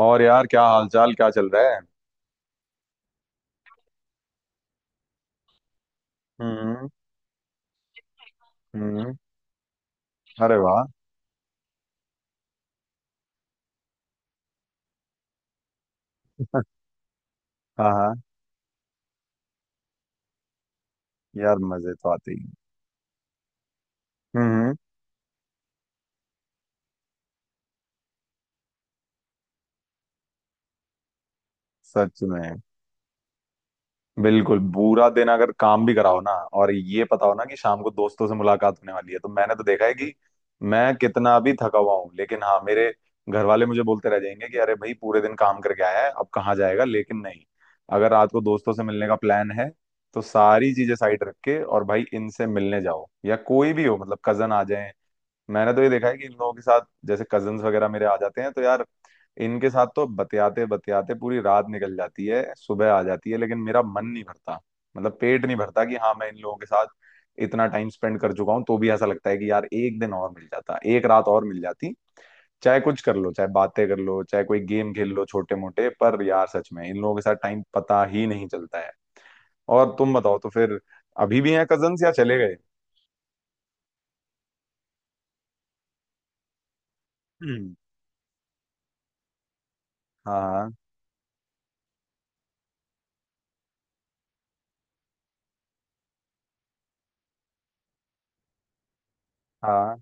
और यार क्या हालचाल, क्या चल रहा है। हम्म। हम्म। अरे वाह। हाँ हाँ। यार मजे तो आते ही हैं। हम्म। सच में। बिल्कुल बुरा दिन अगर काम भी कराओ ना, और ये पता हो ना कि शाम को दोस्तों से मुलाकात होने वाली है, तो मैंने तो देखा है कि मैं कितना भी थका हुआ हूँ, लेकिन हाँ, मेरे घर वाले मुझे बोलते रह जाएंगे कि अरे भाई पूरे दिन काम करके आया है अब कहाँ जाएगा, लेकिन नहीं। अगर रात को दोस्तों से मिलने का प्लान है तो सारी चीजें साइड रख के, और भाई इनसे मिलने जाओ, या कोई भी हो, मतलब कजन आ जाए। मैंने तो ये देखा है कि इन लोगों के साथ, जैसे कजन्स वगैरह मेरे आ जाते हैं तो यार इनके साथ तो बतियाते बतियाते पूरी रात निकल जाती है, सुबह आ जाती है, लेकिन मेरा मन नहीं भरता। मतलब पेट नहीं भरता कि हाँ मैं इन लोगों के साथ इतना टाइम स्पेंड कर चुका हूँ, तो भी ऐसा लगता है कि यार एक दिन और मिल जाता, एक रात और मिल जाती। चाहे कुछ कर लो, चाहे बातें कर लो, चाहे कोई गेम खेल लो छोटे मोटे, पर यार सच में इन लोगों के साथ टाइम पता ही नहीं चलता है। और तुम बताओ तो फिर, अभी भी हैं कजन्स या चले गए। हम्म। हाँ हाँ।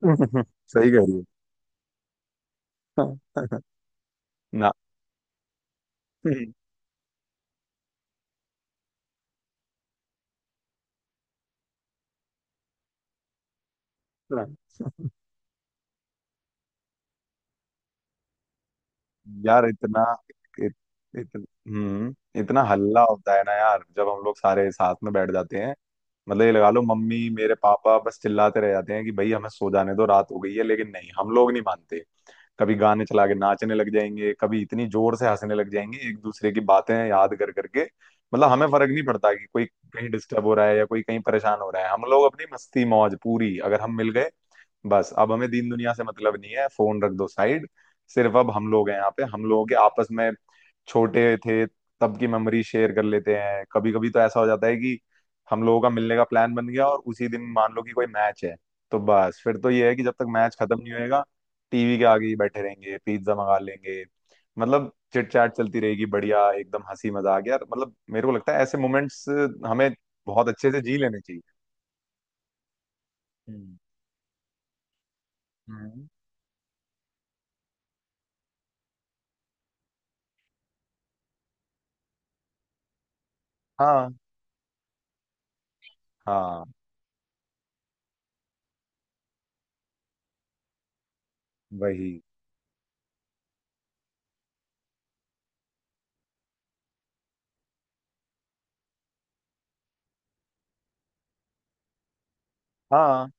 सही कह रही हो। ना। हाँ, यार इतना इत, इत, हम्म, इतना हल्ला होता है ना यार जब हम लोग सारे साथ में बैठ जाते हैं। मतलब ये लगा लो, मम्मी मेरे पापा बस चिल्लाते रह जाते हैं कि भाई हमें सो जाने दो, रात हो गई है, लेकिन नहीं, हम लोग नहीं मानते। कभी गाने चला के नाचने लग जाएंगे, कभी इतनी जोर से हंसने लग जाएंगे एक दूसरे की बातें याद कर करके। मतलब हमें फर्क नहीं पड़ता कि कोई कहीं डिस्टर्ब हो रहा है या कोई कहीं परेशान हो रहा है। हम लोग अपनी मस्ती मौज पूरी, अगर हम मिल गए बस, अब हमें दीन दुनिया से मतलब नहीं है। फोन रख दो साइड, सिर्फ अब हम लोग हैं यहाँ पे। हम लोगों के आपस में, छोटे थे तब की मेमोरी शेयर कर लेते हैं। कभी कभी तो ऐसा हो जाता है कि हम लोगों का मिलने का प्लान बन गया और उसी दिन मान लो कि कोई मैच है, तो बस फिर तो ये है कि जब तक मैच खत्म नहीं होएगा टीवी के आगे ही बैठे रहेंगे, पिज्जा मंगा लेंगे। मतलब चिट चैट चलती रहेगी बढ़िया, एकदम हंसी मजाक। यार मतलब मेरे को लगता है ऐसे मोमेंट्स हमें बहुत अच्छे से जी लेने चाहिए। हम्म। हम्म। हाँ। हाँ, वही। हाँ,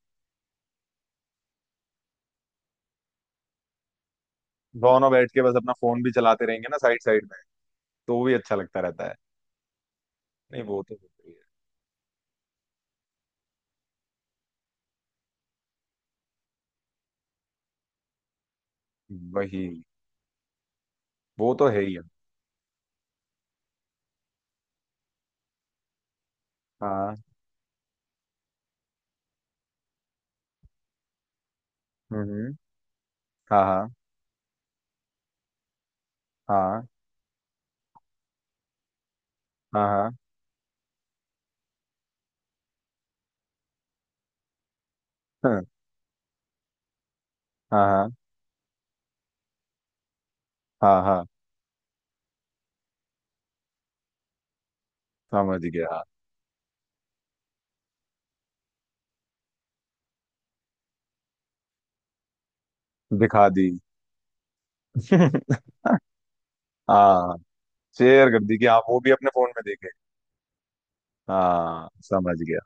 दोनों बैठ के बस अपना फोन भी चलाते रहेंगे ना साइड साइड में, तो वो भी अच्छा लगता रहता है। नहीं, वो तो होता ही है। वही, वो तो है ही है। हाँ। हम्म। हम्म। हाँ हाँ हाँ। हाँ हाँ। हाँ हाँ। हाँ हाँ, हाँ, समझ गया। दिखा दी। हाँ। शेयर कर दी कि आप वो भी अपने फोन में देखे। हाँ, समझ गया।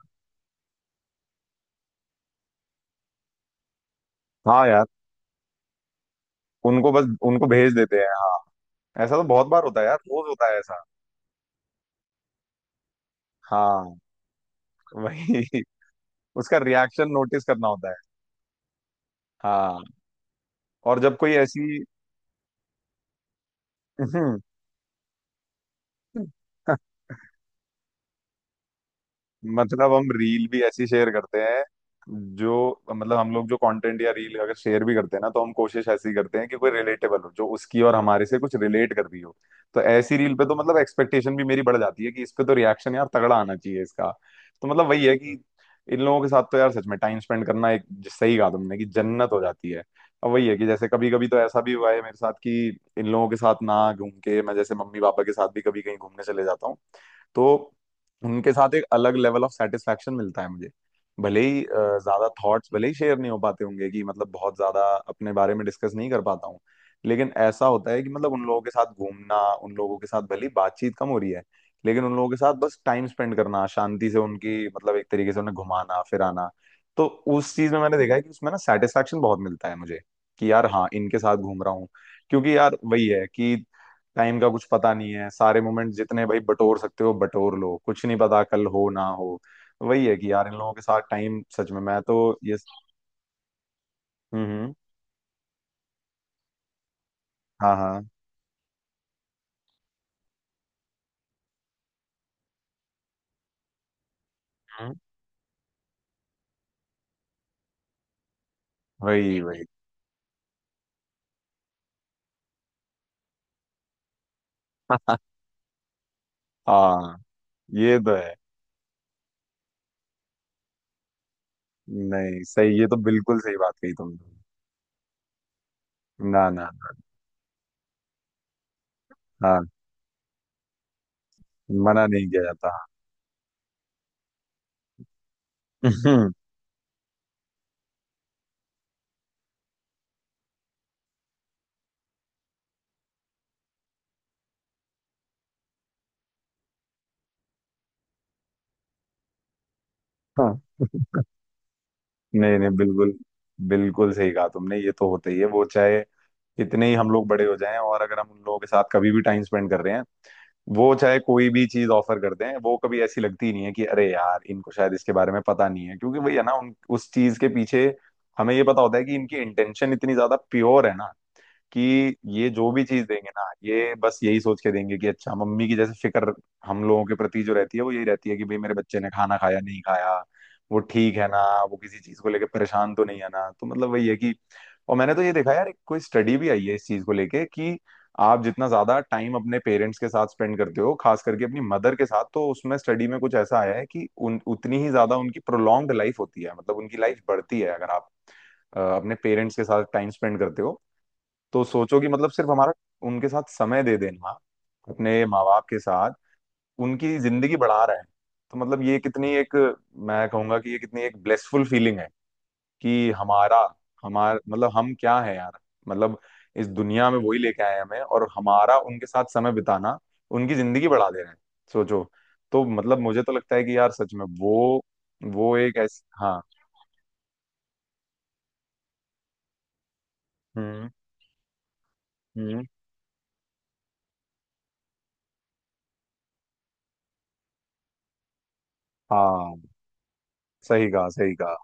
हाँ यार, उनको बस, उनको भेज देते हैं हाँ। ऐसा तो बहुत बार होता है यार, रोज होता है ऐसा। हाँ। वही। उसका रिएक्शन नोटिस करना होता है। हाँ। और जब कोई ऐसी, मतलब हम रील भी ऐसी शेयर करते हैं, जो मतलब हम लोग जो कंटेंट या रील अगर शेयर भी करते हैं ना, तो हम कोशिश ऐसी करते हैं कि कोई रिलेटेबल हो, जो उसकी और हमारे से कुछ रिलेट कर रही हो। तो ऐसी रील पे तो मतलब एक्सपेक्टेशन भी मेरी बढ़ जाती है कि इस पे तो रिएक्शन यार तगड़ा आना चाहिए इसका। तो मतलब वही है कि इन लोगों के साथ तो यार सच में टाइम स्पेंड करना एक, सही कहा तुमने कि जन्नत हो जाती है। अब वही है कि जैसे कभी कभी तो ऐसा भी हुआ है मेरे साथ कि इन लोगों के साथ ना घूम के, मैं जैसे मम्मी पापा के साथ भी कभी कहीं घूमने चले जाता हूँ, तो उनके साथ एक अलग लेवल ऑफ सेटिस्फेक्शन मिलता है मुझे। भले ही ज्यादा थॉट्स भले ही शेयर नहीं हो पाते होंगे कि मतलब बहुत ज्यादा अपने बारे में डिस्कस नहीं कर पाता हूँ, लेकिन ऐसा होता है कि मतलब उन लोगों के साथ घूमना, उन लोगों के साथ भले ही बातचीत कम हो रही है, लेकिन उन लोगों के साथ बस टाइम स्पेंड करना शांति से, उनकी मतलब एक तरीके से उन्हें घुमाना फिराना, तो उस चीज में मैंने देखा है कि उसमें ना सेटिस्फेक्शन बहुत मिलता है मुझे, कि यार हाँ, इनके साथ घूम रहा हूँ। क्योंकि यार वही है कि टाइम का कुछ पता नहीं है, सारे मोमेंट जितने भाई बटोर सकते हो बटोर लो, कुछ नहीं पता कल हो ना हो। वही है कि यार इन लोगों के साथ टाइम सच में, मैं तो ये, हम्म। हम्म। हाँ हाँ। हम्म, वही वही। हाँ, ये तो है। नहीं, सही, ये तो बिल्कुल सही बात कही तुमने। ना ना। ना, हाँ, मना नहीं किया जाता। हम्म, हाँ। नहीं नहीं, बिल्कुल बिल्कुल सही कहा तुमने, ये तो होता ही है। वो चाहे कितने ही हम लोग बड़े हो जाएं, और अगर हम उन लोगों के साथ कभी भी टाइम स्पेंड कर रहे हैं, वो चाहे कोई भी चीज ऑफर कर दें, वो कभी ऐसी लगती नहीं है कि अरे यार, इनको शायद इसके बारे में पता नहीं है, क्योंकि वही है ना, उन उस चीज के पीछे हमें ये पता होता है कि इनकी इंटेंशन इतनी ज्यादा प्योर है ना, कि ये जो भी चीज देंगे ना, ये बस यही सोच के देंगे कि अच्छा, मम्मी की जैसे फिक्र हम लोगों के प्रति जो रहती है वो यही रहती है कि भाई मेरे बच्चे ने खाना खाया नहीं खाया, वो ठीक है ना, वो किसी चीज को लेकर परेशान तो नहीं है ना। तो मतलब वही है कि, और मैंने तो ये देखा यार, एक कोई स्टडी भी आई है इस चीज को लेके, कि आप जितना ज्यादा टाइम अपने पेरेंट्स के साथ स्पेंड करते हो, खास करके अपनी मदर के साथ, तो उसमें स्टडी में कुछ ऐसा आया है कि उन उतनी ही ज्यादा उनकी प्रोलॉन्ग्ड लाइफ होती है, मतलब उनकी लाइफ बढ़ती है, अगर आप अपने पेरेंट्स के साथ टाइम स्पेंड करते हो। तो सोचो कि मतलब सिर्फ हमारा उनके साथ समय दे देना, अपने माँ बाप के साथ, उनकी जिंदगी बढ़ा रहे हैं। तो मतलब ये कितनी एक, मैं कहूंगा कि ये कितनी एक ब्लेसफुल फीलिंग है कि हमारा, हमार मतलब हम क्या है यार, मतलब इस दुनिया में वही लेके आए हैं हमें, और हमारा उनके साथ समय बिताना उनकी जिंदगी बढ़ा दे रहे हैं, सोचो। तो मतलब मुझे तो लगता है कि यार सच में वो एक ऐसी, हाँ। हम्म। हम्म। हाँ। सही कहा, सही कहा।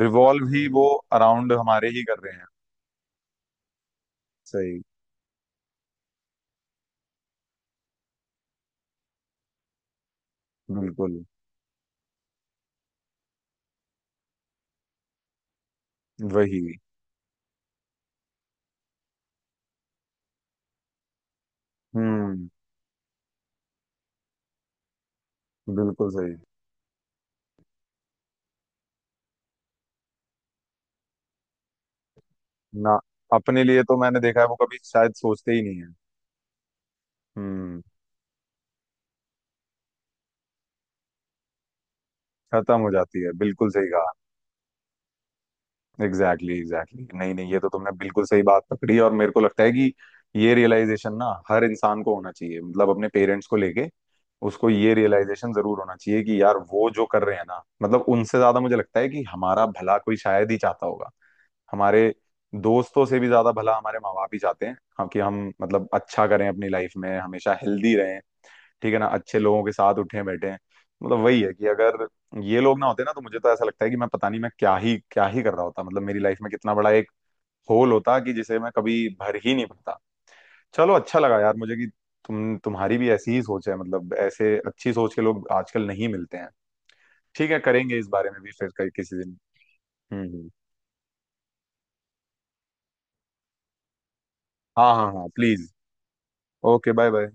रिवॉल्व ही वो, अराउंड हमारे ही कर रहे हैं। सही। बिल्कुल। वही। हम्म। बिल्कुल सही। ना, अपने लिए तो मैंने देखा है वो कभी शायद सोचते ही नहीं है। हम्म। खत्म हो जाती है, बिल्कुल सही कहा। एग्जैक्टली एग्जैक्टली, नहीं नहीं, ये तो तुमने बिल्कुल सही बात पकड़ी, और मेरे को लगता है कि ये रियलाइजेशन ना हर इंसान को होना चाहिए, मतलब अपने पेरेंट्स को लेके उसको ये रियलाइजेशन जरूर होना चाहिए कि यार वो जो कर रहे हैं ना, मतलब उनसे ज्यादा मुझे लगता है कि हमारा भला कोई शायद ही चाहता होगा। हमारे दोस्तों से भी ज्यादा भला हमारे माँ बाप ही चाहते हैं हम, कि हम मतलब अच्छा करें अपनी लाइफ में, हमेशा हेल्दी रहें, ठीक है ना, अच्छे लोगों के साथ उठें बैठें। मतलब वही है कि अगर ये लोग ना होते ना, तो मुझे तो ऐसा लगता है कि मैं पता नहीं मैं क्या ही कर रहा होता, मतलब मेरी लाइफ में कितना बड़ा एक होल होता कि जिसे मैं कभी भर ही नहीं पाता। चलो, अच्छा लगा यार मुझे कि तुम्हारी भी ऐसी ही सोच है, मतलब ऐसे अच्छी सोच के लोग आजकल नहीं मिलते हैं। ठीक है, करेंगे इस बारे में भी फिर कहीं- किसी दिन। हम्म। हम्म। हाँ हाँ हाँ, प्लीज। Okay, bye bye.